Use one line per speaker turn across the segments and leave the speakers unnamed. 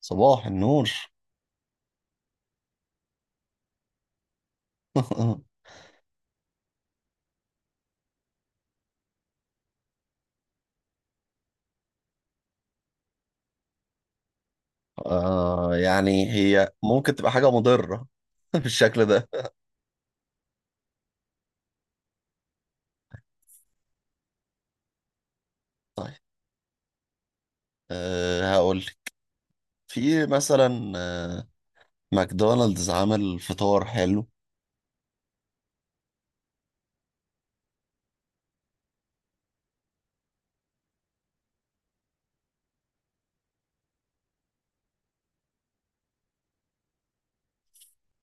صباح النور. يعني هي ممكن تبقى حاجة مضرة بالشكل ده. طيب، هقول لك. في مثلا ماكدونالدز عامل فطار حلو.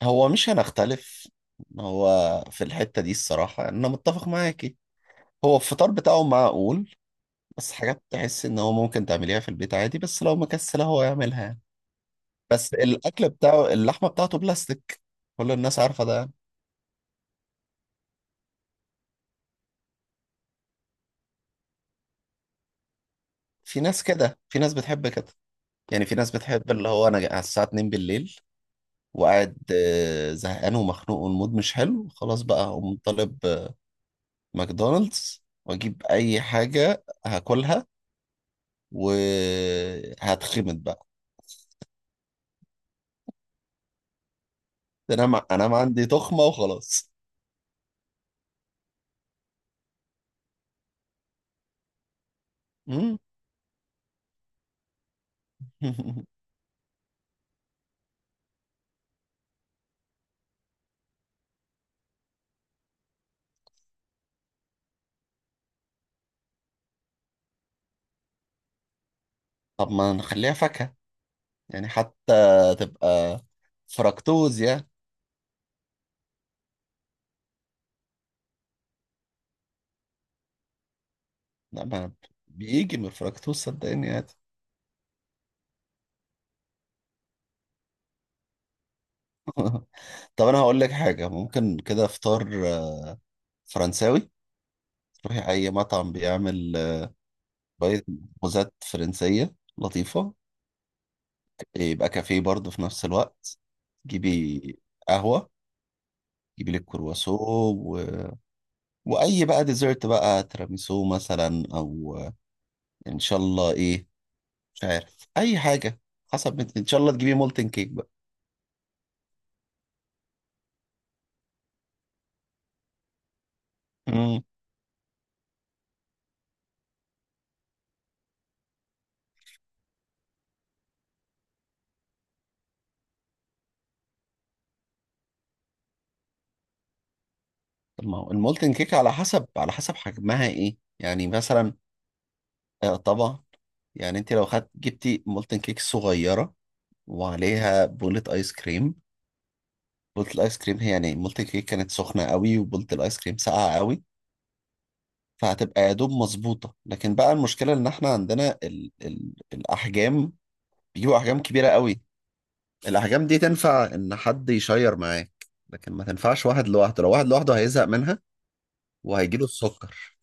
هو مش هنختلف. هو في الحتة دي الصراحة، يعني أنا متفق معاكي. هو الفطار بتاعه معقول، بس حاجات تحس إن هو ممكن تعمليها في البيت عادي، بس لو مكسلة هو يعملها يعني. بس الأكل بتاعه اللحمة بتاعته بلاستيك، كل الناس عارفة ده يعني. في ناس كده، في ناس بتحب كده. يعني في ناس بتحب اللي هو انا على الساعة 2 بالليل وقاعد زهقان ومخنوق والمود مش حلو خلاص، بقى هقوم طالب ماكدونالدز واجيب اي حاجة هاكلها وهتخمد بقى. ده انا ما عندي تخمة وخلاص. مم. طب ما نخليها فاكهة، يعني حتى تبقى فركتوز يعني. لا ما بيجي من الفركتوز صدقني يعني. طب انا هقول لك حاجة، ممكن كده فطار فرنساوي. تروحي أي مطعم بيعمل شوية مخبوزات فرنسية لطيفة، يبقى كافيه برضه في نفس الوقت. جيبي قهوة، جيبي لك كرواسو و... وأي بقى ديزرت، بقى تيراميسو مثلا أو إن شاء الله إيه، مش عارف أي حاجة. حسب إن شاء الله تجيبي مولتن كيك بقى. امم طب ما هو المولتن كيك على حسب، على حسب حجمها إيه يعني مثلا. طبعا. يعني أنت لو خدت جبتي مولتن كيك صغيرة وعليها بولة آيس كريم. بولت الايس كريم هي، يعني بولت الكيك كانت سخنه قوي وبولت الايس كريم ساقعه قوي، فهتبقى يا دوب مظبوطه. لكن بقى المشكله ان احنا عندنا ال الاحجام، بيجيبوا احجام كبيره قوي. الاحجام دي تنفع ان حد يشير معاك، لكن ما تنفعش واحد لوحده، لو واحد لوحده هيزهق منها وهيجيله السكر.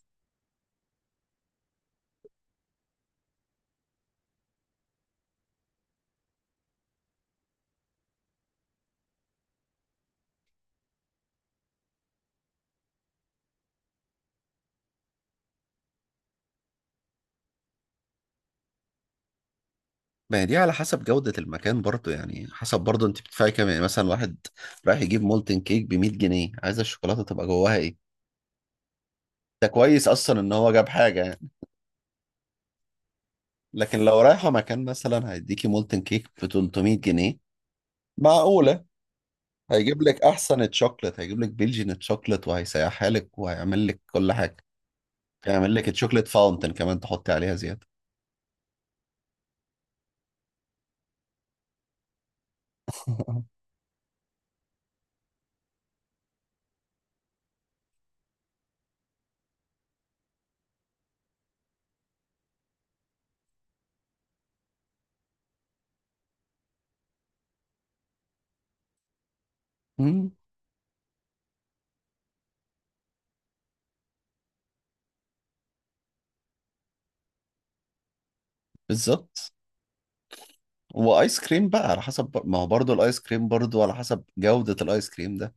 ما هي دي على حسب جودة المكان برضو، يعني حسب برضو انت بتدفعي كام، يعني مثلا واحد رايح يجيب مولتن كيك ب 100 جنيه، عايز الشوكولاتة تبقى جواها ايه؟ ده كويس اصلا ان هو جاب حاجة يعني. لكن لو رايحة مكان مثلا هيديكي مولتن كيك ب 300 جنيه، معقولة؟ هيجيب لك أحسن تشوكلت، هيجيب لك بلجين تشوكلت وهيسيحها لك وهيعمل لك كل حاجة. هيعمل لك تشوكلت فاونتن كمان تحطي عليها زيادة. مم، بالظبط. وايس كريم بقى على حسب ما هو برضه الايس كريم برضه على حسب جودة الايس كريم ده.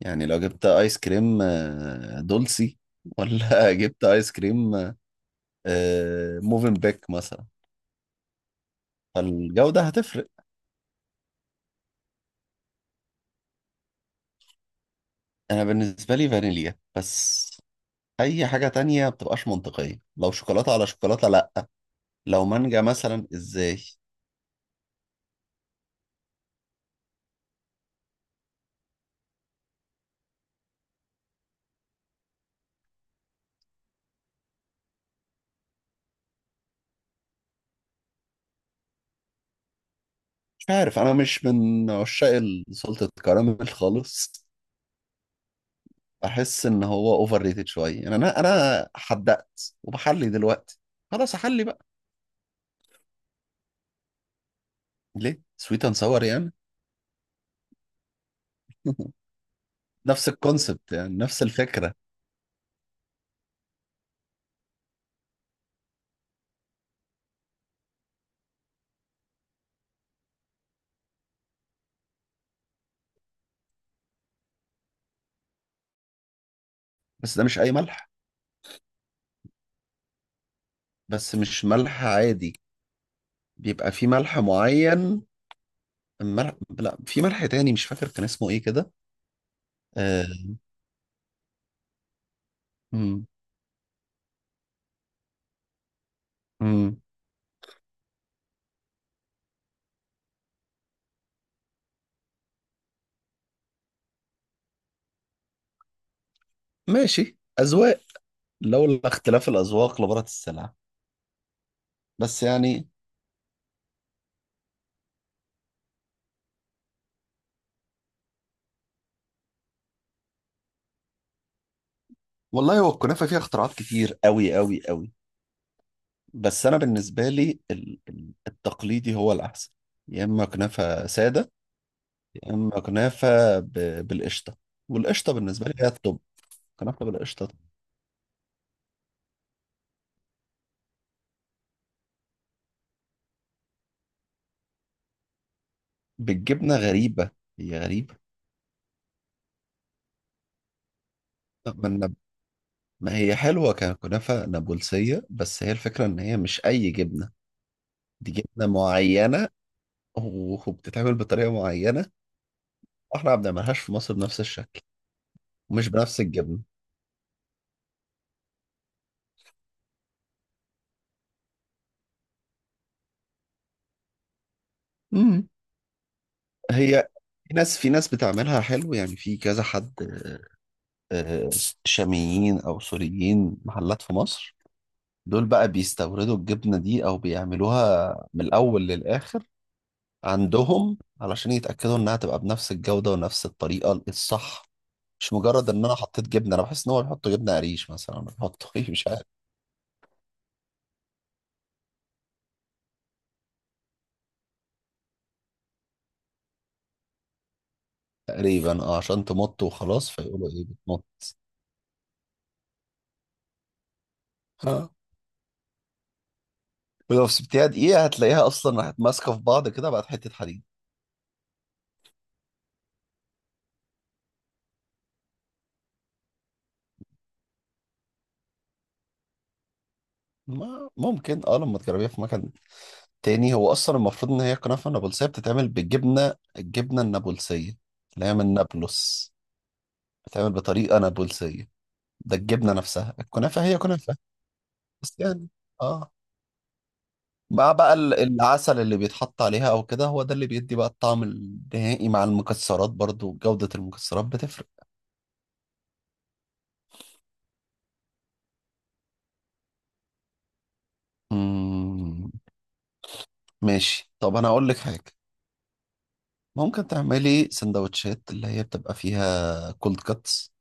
يعني لو جبت ايس كريم دولسي ولا جبت ايس كريم موفنبيك مثلا، فالجودة هتفرق. انا بالنسبه لي فانيليا بس. اي حاجه تانية بتبقاش منطقيه، لو شوكولاته على شوكولاته لا. لو مانجا مثلا ازاي. مش عارف، انا مش من عشاق سلطه الكراميل خالص. بحس ان هو اوفر ريتد شويه، يعني انا حدقت وبحلي دلوقتي. خلاص احلي بقى، ليه؟ سويت اند ساور يعني. نفس الكونسبت، يعني نفس الفكره. بس ده مش اي ملح، بس مش ملح عادي، بيبقى في ملح معين. الملح، لا، في ملح تاني مش فاكر كان اسمه ايه كده آه، مم. مم. ماشي، أذواق. لولا اختلاف الأذواق لبارت السلع. بس يعني، والله هو الكنافة فيها اختراعات كتير أوي أوي أوي. بس أنا بالنسبة لي التقليدي هو الأحسن. يا إما كنافة سادة، يا إما كنافة بالقشطة، والقشطة بالنسبة لي هي الطب. كنافة بالقشطة بالجبنة غريبة، هي غريبة. طب ما ما هي حلوة ككنافة نابلسية، بس هي الفكرة إن هي مش أي جبنة، دي جبنة معينة وبتتعمل بطريقة معينة. واحنا ما بنعملهاش في مصر بنفس الشكل ومش بنفس الجبنة. امم هي في ناس بتعملها حلو، يعني في كذا حد آه، شاميين او سوريين، محلات في مصر. دول بقى بيستوردوا الجبنة دي او بيعملوها من الاول للاخر عندهم، علشان يتأكدوا انها تبقى بنفس الجودة ونفس الطريقة الصح. مش مجرد ان انا حطيت جبنة، انا بحس ان هو بيحطوا جبنة قريش مثلا، بيحطوا ايه مش عارف. تقريبا اه، عشان تمط وخلاص، فيقولوا ايه بتمط. ها، ولو سبتيها دقيقة هتلاقيها أصلا راحت ماسكة في بعض كده، بقت حتة حديد. ما ممكن اه لما تجربيها في مكان تاني، هو أصلا المفروض إن هي كنافة نابلسية بتتعمل بالجبنة، الجبنة النابلسية اللي هي من نابلس بتتعمل بطريقة نابلسية. ده الجبنة نفسها، الكنافة هي كنافة بس يعني. اه مع بقى العسل اللي بيتحط عليها أو كده، هو ده اللي بيدي بقى الطعم النهائي، مع المكسرات برضو جودة المكسرات بتفرق. مم. ماشي، طب أنا أقول لك حاجة. ممكن تعملي سندوتشات اللي هي بتبقى فيها كولد كاتس،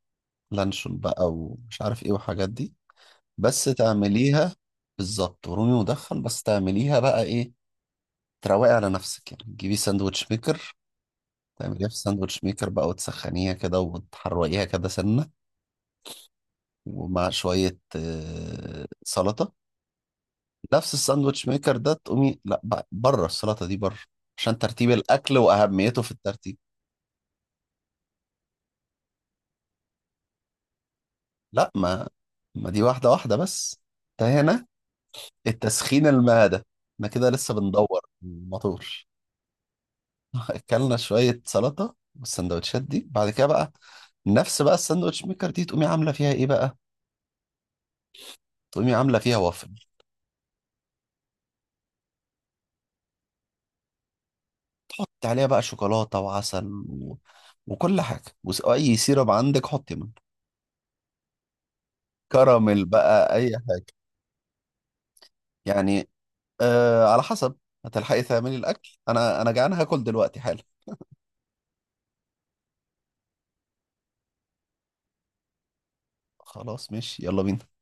لانشون بقى ومش عارف ايه وحاجات دي. بس تعمليها، بالظبط، ورومي مدخن، بس تعمليها بقى ايه، تروقي على نفسك. يعني تجيبي ساندوتش ميكر، تعمليها في ساندوتش ميكر بقى وتسخنيها كده وتحرقيها كده سنة، ومع شوية سلطة. نفس الساندوتش ميكر ده، تقومي لا بقى، بره، السلطة دي بره، عشان ترتيب الأكل وأهميته في الترتيب. لا، ما دي واحدة واحدة بس. انت هنا التسخين المعدة، احنا كده لسه بندور الموتور. اكلنا شوية سلطة، والسندوتشات دي بعد كده بقى، نفس بقى الساندوتش ميكر دي، تقومي عاملة فيها ايه بقى، تقومي عاملة فيها وافل. حطي عليها بقى شوكولاتة وعسل و... وكل حاجة، واي سيرب عندك حطي منه، كراميل بقى اي حاجة يعني. آه على حسب. هتلحقي تعملي الاكل؟ انا جعان هاكل دلوقتي حالا. خلاص ماشي، يلا بينا.